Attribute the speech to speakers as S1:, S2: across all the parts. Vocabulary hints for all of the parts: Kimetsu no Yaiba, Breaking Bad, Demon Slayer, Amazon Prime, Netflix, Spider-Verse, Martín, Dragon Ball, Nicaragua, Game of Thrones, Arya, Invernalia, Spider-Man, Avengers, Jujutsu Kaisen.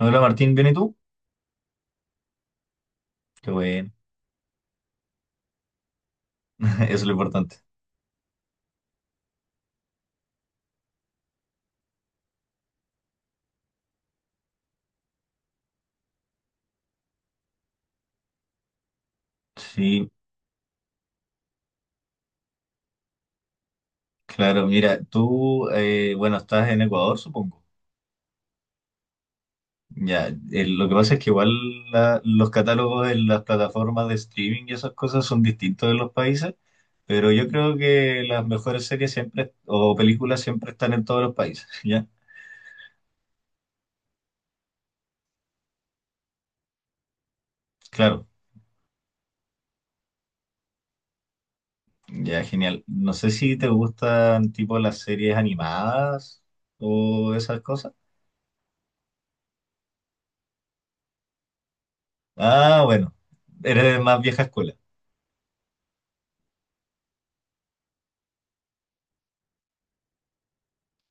S1: Hola Martín, ¿bien y tú? Qué bueno, eso es lo importante. Sí, claro, mira, tú, estás en Ecuador, supongo. Ya, lo que pasa es que igual los catálogos en las plataformas de streaming y esas cosas son distintos de los países, pero yo creo que las mejores series siempre, o películas siempre están en todos los países, ¿ya? Claro, ya, genial. No sé si te gustan tipo las series animadas o esas cosas. Ah, bueno, eres de más vieja escuela.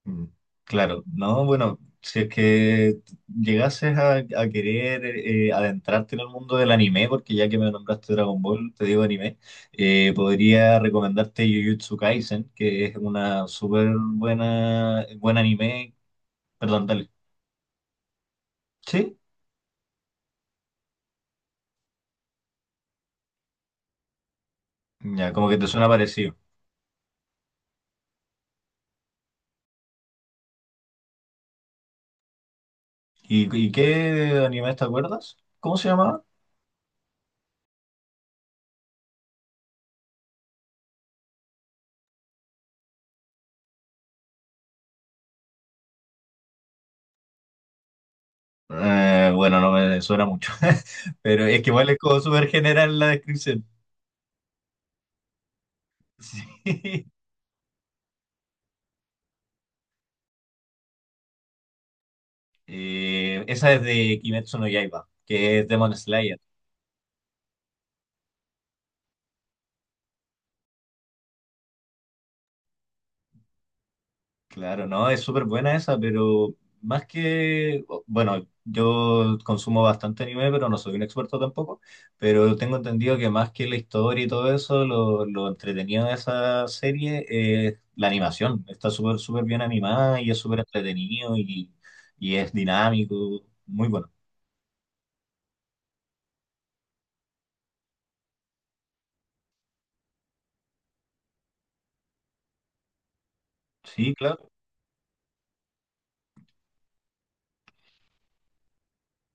S1: Mm, claro, no, bueno, si es que llegases a querer adentrarte en el mundo del anime, porque ya que me nombraste Dragon Ball, te digo anime, podría recomendarte Jujutsu Kaisen, que es una súper buena, buen anime, perdón, dale. ¿Sí? Ya, como que te suena parecido. Y qué anime te acuerdas? ¿Cómo se llamaba? Bueno, no me suena mucho, pero es que igual es como súper general la descripción. Sí. Esa es de Kimetsu no Yaiba, que es Demon Slayer. Claro, no, es súper buena esa, pero más que, bueno, yo consumo bastante anime, pero no soy un experto tampoco, pero tengo entendido que más que la historia y todo eso, lo entretenido de esa serie es la animación. Está súper, súper bien animada y es súper entretenido y es dinámico, muy bueno. Sí, claro.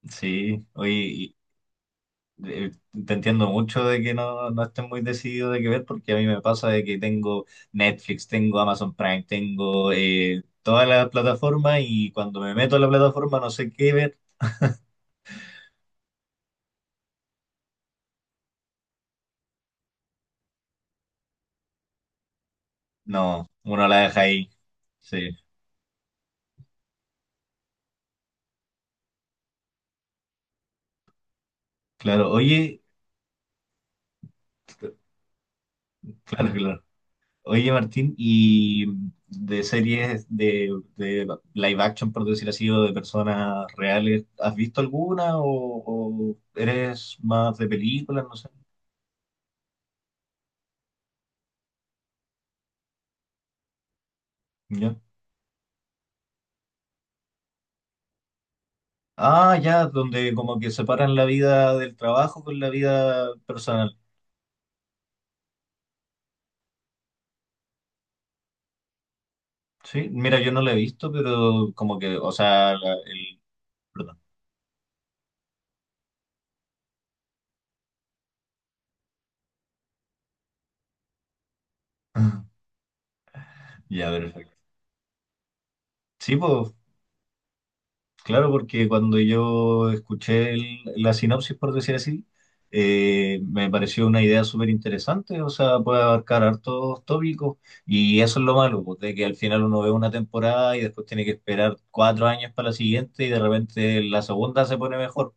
S1: Sí, oye, eh, te entiendo mucho de que no, no estés muy decidido de qué ver, porque a mí me pasa de que tengo Netflix, tengo Amazon Prime, tengo todas las plataformas y cuando me meto a la plataforma no sé qué ver. No, uno la deja ahí. Sí, claro. Oye, claro, claro. Oye, Martín, y de series de live action, por decir así, o de personas reales, ¿has visto alguna o eres más de películas? No sé. Ah, ya, donde como que separan la vida del trabajo con la vida personal. Sí, mira, yo no la he visto, pero como que, o sea, el... Perdón. Ya, perfecto. Sí, pues claro, porque cuando yo escuché la sinopsis, por decir así, me pareció una idea súper interesante, o sea, puede abarcar hartos tópicos y eso es lo malo, pues, de que al final uno ve una temporada y después tiene que esperar 4 años para la siguiente y de repente la segunda se pone mejor.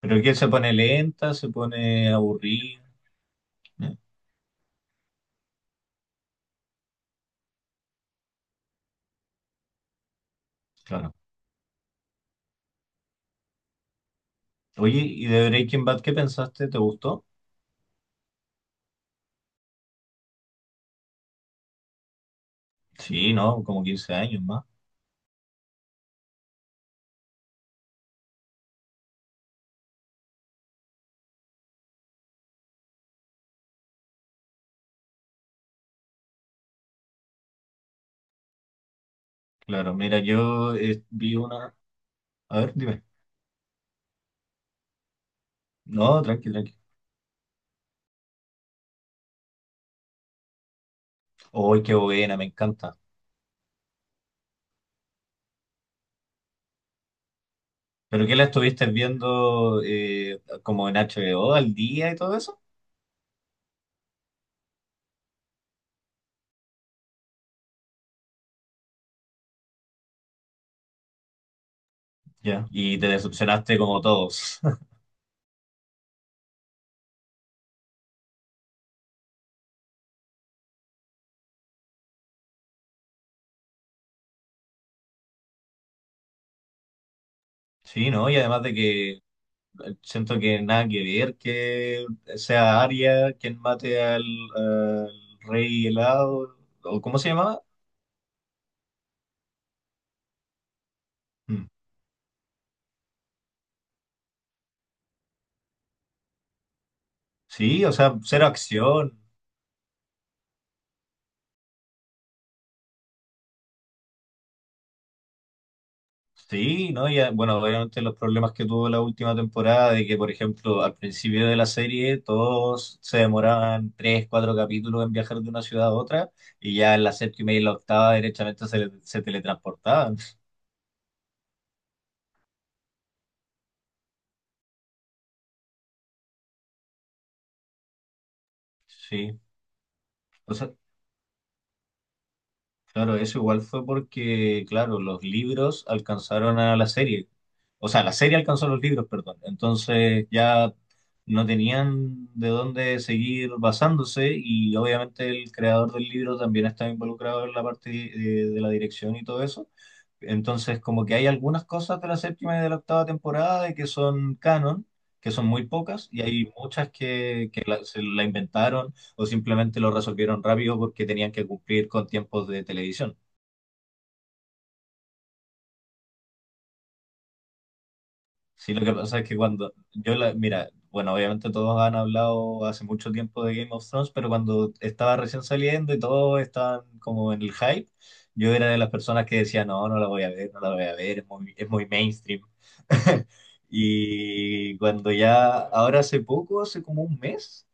S1: Pero que se pone lenta, se pone aburrida. Eh, Claro. Oye, ¿y de Breaking Bad qué pensaste? ¿Te gustó? Sí, ¿no? Como 15 años más. Claro, mira, yo vi una... A ver, dime. No, tranqui, tranqui. ¡Ay, qué buena! Me encanta. ¿Pero qué la estuviste viendo como en HBO al día y todo eso? Ya. Y te decepcionaste como todos. Sí, ¿no? Y además de que siento que nada que ver que sea Arya quien mate al, al rey helado, o ¿cómo se llamaba? Mm. Sí, o sea, cero acción. Sí, ¿no? Ya bueno, obviamente los problemas que tuvo la última temporada, de que, por ejemplo, al principio de la serie todos se demoraban 3, 4 capítulos en viajar de una ciudad a otra, y ya en la séptima y la octava derechamente se, se teletransportaban. Sí. O sea, claro, eso igual fue porque, claro, los libros alcanzaron a la serie. O sea, la serie alcanzó a los libros, perdón. Entonces ya no tenían de dónde seguir basándose y obviamente el creador del libro también está involucrado en la parte de la dirección y todo eso. Entonces, como que hay algunas cosas de la séptima y de la octava temporada de que son canon, que son muy pocas, y hay muchas que se la inventaron o simplemente lo resolvieron rápido porque tenían que cumplir con tiempos de televisión. Sí, lo que pasa es que cuando yo la, mira, bueno, obviamente todos han hablado hace mucho tiempo de Game of Thrones, pero cuando estaba recién saliendo y todos estaban como en el hype, yo era de las personas que decía, no, no la voy a ver, no la voy a ver, es muy mainstream. Y cuando ya, ahora hace poco, hace como un mes,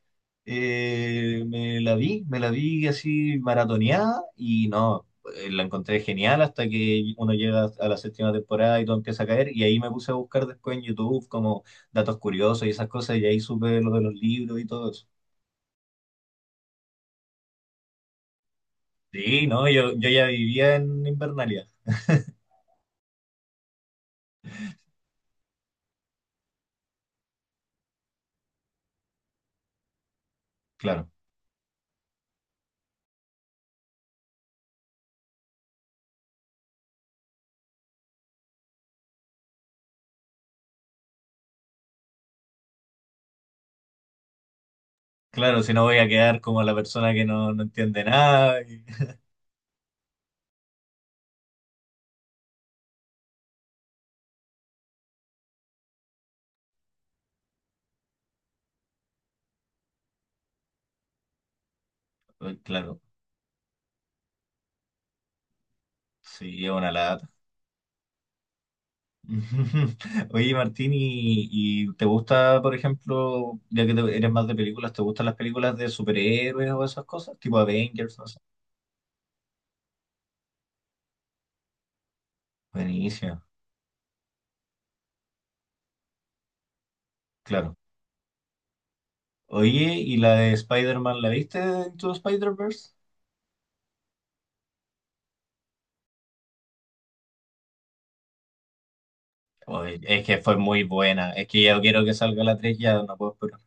S1: me la vi así maratoneada y no, la encontré genial hasta que uno llega a la séptima temporada y todo empieza a caer. Y ahí me puse a buscar después en YouTube como datos curiosos y esas cosas. Y ahí supe lo de los libros y todo eso. Sí, no, yo ya vivía en Invernalia. Claro, claro, si no voy a quedar como la persona que no, no entiende nada. Claro, sí, es una lata. Oye, Martín, y te gusta, por ejemplo, ya que eres más de películas, ¿te gustan las películas de superhéroes o esas cosas? Tipo Avengers, no sé. Buenísimo, claro. Oye, ¿y la de Spider-Man la viste en tu Spider-Verse? Oye, es que fue muy buena. Es que ya quiero que salga la tres, ya no puedo esperar.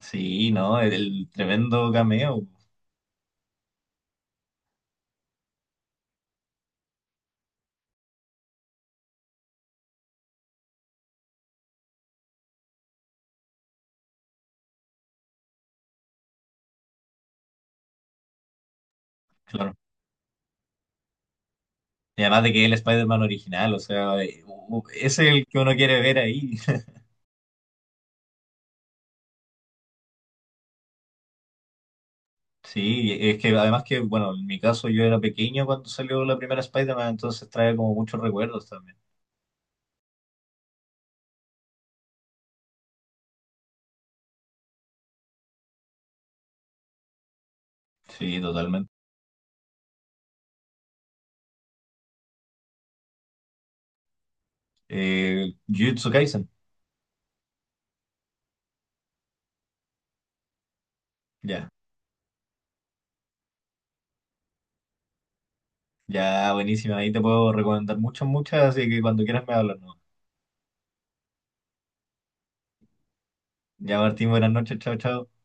S1: Sí, ¿no? El tremendo cameo, claro. Y además de que es el Spider-Man original, o sea, es el que uno quiere ver ahí. Sí, es que además que, bueno, en mi caso yo era pequeño cuando salió la primera Spider-Man, entonces trae como muchos recuerdos también. Sí, totalmente. Jujutsu Kaisen, ya, ya, buenísima. Ahí te puedo recomendar muchas, muchas, así que cuando quieras me hablas, ¿no? Ya, Martín, buenas noches, chao, chao.